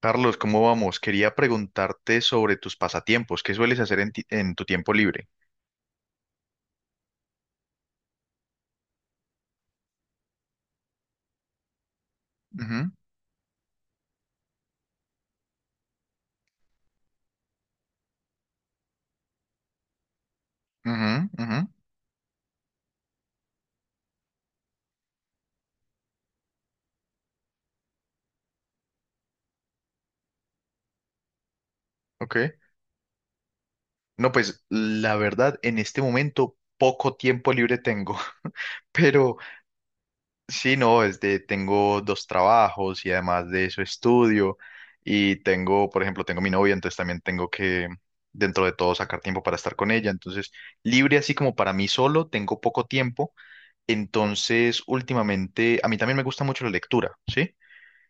Carlos, ¿cómo vamos? Quería preguntarte sobre tus pasatiempos. ¿Qué sueles hacer en tu tiempo libre? Ujú. Ujú. Ujú. Ok. No, pues la verdad, en este momento poco tiempo libre tengo. Pero sí, no, tengo dos trabajos y además de eso estudio y tengo, por ejemplo, tengo mi novia, entonces también tengo que, dentro de todo, sacar tiempo para estar con ella. Entonces, libre así como para mí solo, tengo poco tiempo. Entonces, últimamente, a mí también me gusta mucho la lectura, ¿sí?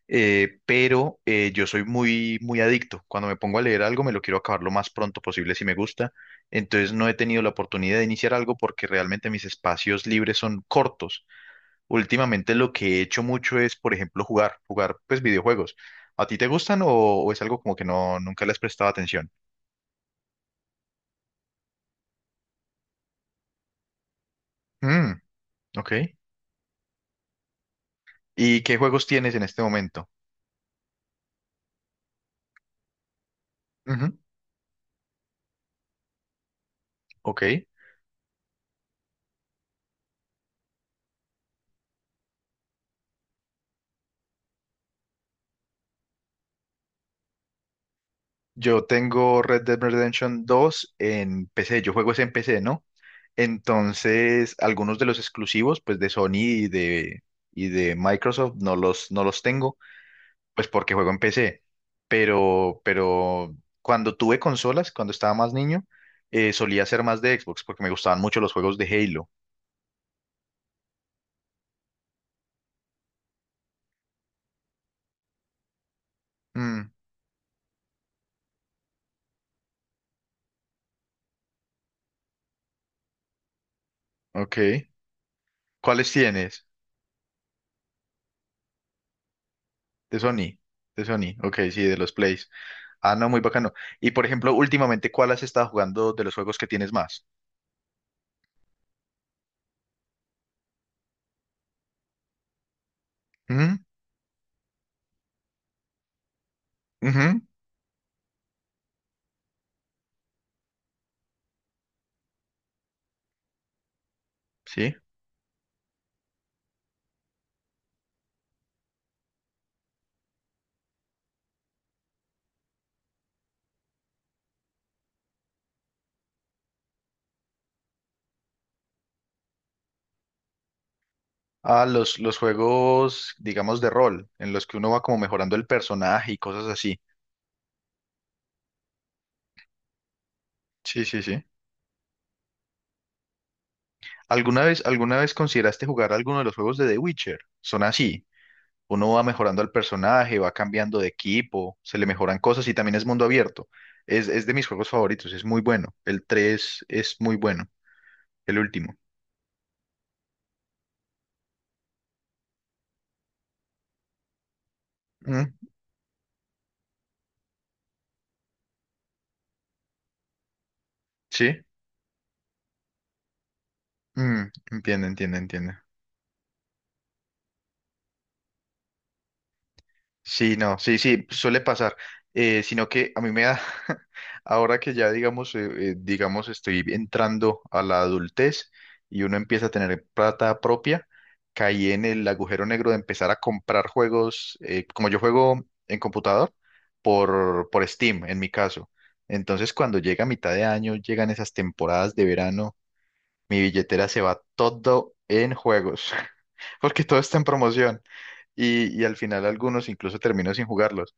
Pero yo soy muy, muy adicto. Cuando me pongo a leer algo, me lo quiero acabar lo más pronto posible si me gusta. Entonces no he tenido la oportunidad de iniciar algo porque realmente mis espacios libres son cortos. Últimamente lo que he hecho mucho es, por ejemplo, jugar pues videojuegos. ¿A ti te gustan o es algo como que no, nunca le has prestado atención? Mm. Ok. ¿Y qué juegos tienes en este momento? Ujú. Ok. Yo tengo Red Dead Redemption dos en PC. Yo juego es en PC, ¿no? Entonces, algunos de los exclusivos, pues de Sony y de Microsoft, no los tengo, pues porque juego en PC. Pero cuando tuve consolas, cuando estaba más niño, solía ser más de Xbox porque me gustaban mucho los juegos de Halo. Mm. Ok. ¿Cuáles tienes? De Sony. De Sony. Ok, sí, de los Plays. Ah, no, muy bacano. Y por ejemplo, últimamente, ¿cuál has estado jugando de los juegos que tienes más? Ujú. Ujú. Sí. Ah, los juegos, digamos, de rol, en los que uno va como mejorando el personaje y cosas así. Sí, sí, sí. ¿Alguna vez, consideraste jugar alguno de los juegos de The Witcher? Son así. Uno va mejorando al personaje, va cambiando de equipo, se le mejoran cosas y también es mundo abierto. Es de mis juegos favoritos, es muy bueno. El 3 es muy bueno, el último. Mm. ¿Sí? Mm, entiende, entiende, entiende. Sí, no, sí, sí, suele pasar. Sino que a mí me da, ahora que ya digamos, digamos, estoy entrando a la adultez y uno empieza a tener plata propia, caí en el agujero negro de empezar a comprar juegos, como yo juego en computador, por Steam, en mi caso. Entonces, cuando llega mitad de año, llegan esas temporadas de verano, mi billetera se va todo en juegos, porque todo está en promoción y al final algunos incluso termino sin jugarlos.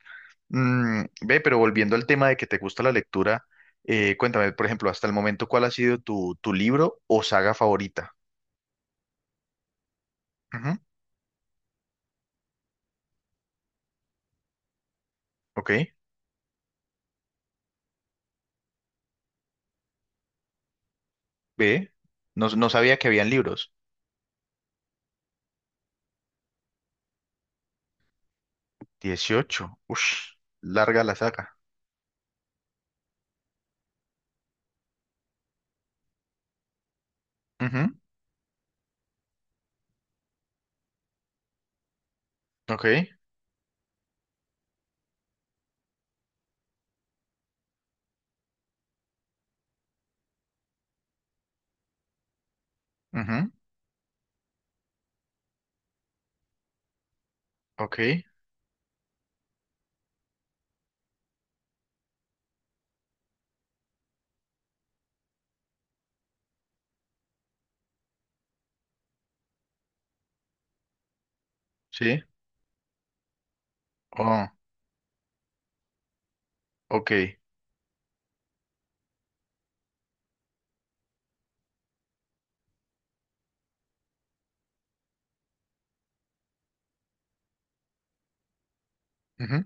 Mm, ve, pero volviendo al tema de que te gusta la lectura, cuéntame, por ejemplo, hasta el momento, ¿cuál ha sido tu libro o saga favorita? Ujú. Ok. Ve, no, no sabía que habían libros. 18. Uff, larga la saga. Ujú. Ok. Ujú. Ok. Sí. Oh. Ok. Ujú.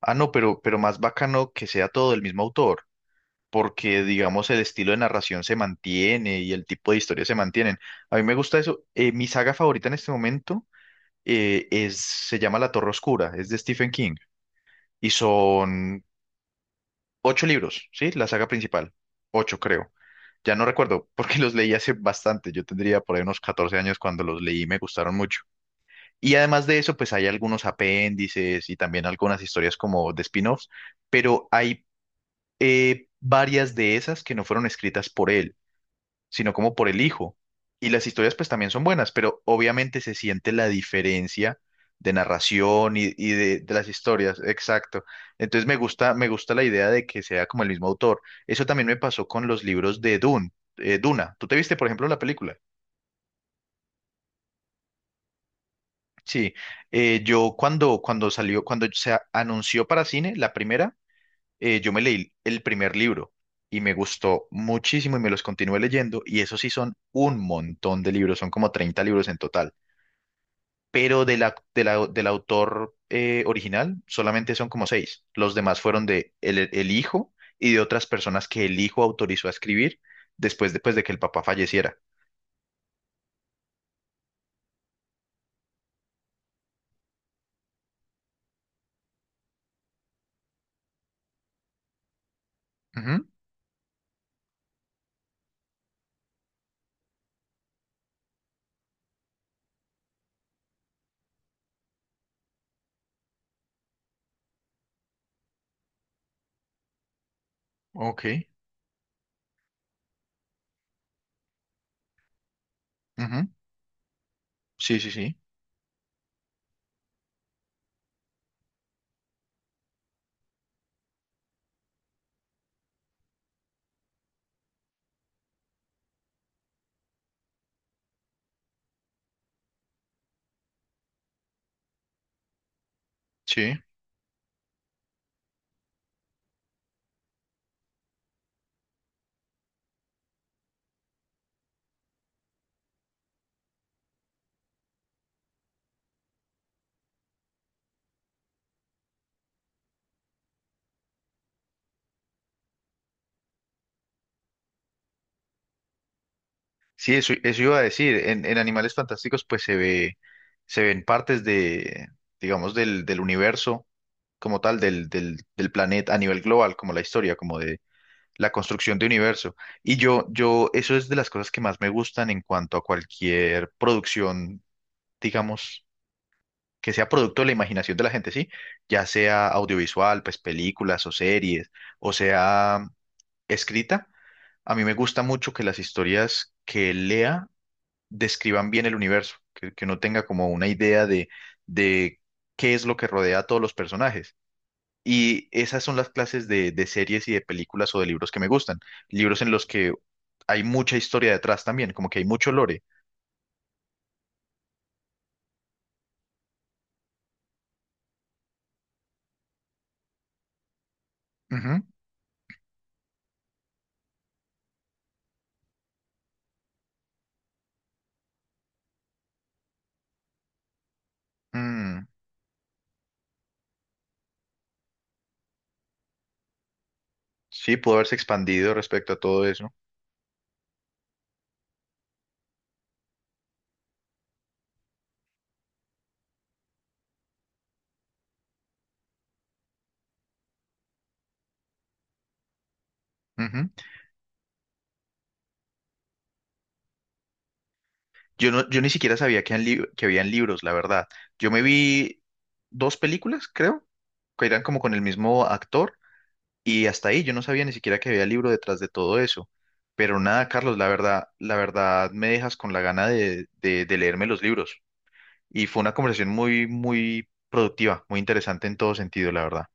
Ah, no, pero más bacano que sea todo del mismo autor, porque digamos el estilo de narración se mantiene y el tipo de historia se mantienen. A mí me gusta eso. Mi saga favorita en este momento. Se llama La Torre Oscura, es de Stephen King y son ocho libros, ¿sí? La saga principal, ocho creo. Ya no recuerdo porque los leí hace bastante, yo tendría por ahí unos 14 años cuando los leí, y me gustaron mucho. Y además de eso, pues hay algunos apéndices y también algunas historias como de spin-offs, pero hay varias de esas que no fueron escritas por él sino como por el hijo. Y las historias pues también son buenas, pero obviamente se siente la diferencia de narración y de las historias, exacto. Entonces me gusta la idea de que sea como el mismo autor. Eso también me pasó con los libros de Dune, Duna. ¿Tú te viste, por ejemplo, la película? Sí, yo cuando salió, cuando se anunció para cine, la primera, yo me leí el primer libro y me gustó muchísimo y me los continué leyendo y eso sí son un montón de libros, son como 30 libros en total. Pero del autor original solamente son como seis. Los demás fueron de el hijo y de otras personas que el hijo autorizó a escribir después de, pues, de que el papá falleciera. Ujú. Ok. Ujú. Sí, sí, sí. Sí. Sí, eso iba a decir. En Animales Fantásticos, pues se ven partes de, digamos, del universo como tal, del planeta a nivel global, como la historia, como de la construcción de universo. Y eso es de las cosas que más me gustan en cuanto a cualquier producción, digamos, que sea producto de la imaginación de la gente, sí, ya sea audiovisual, pues películas o series, o sea escrita. A mí me gusta mucho que las historias que lea describan bien el universo, que uno tenga como una idea de qué es lo que rodea a todos los personajes. Y esas son las clases de series y de películas o de libros que me gustan. Libros en los que hay mucha historia detrás también, como que hay mucho lore. Ujú. Mm. Sí, pudo haberse expandido respecto a todo eso. Ujú. Yo no, yo ni siquiera sabía que habían libros, la verdad. Yo me vi dos películas, creo, que eran como con el mismo actor, y hasta ahí yo no sabía ni siquiera que había libro detrás de todo eso. Pero nada, Carlos, la verdad me dejas con la gana de leerme los libros. Y fue una conversación muy, muy productiva, muy interesante en todo sentido, la verdad.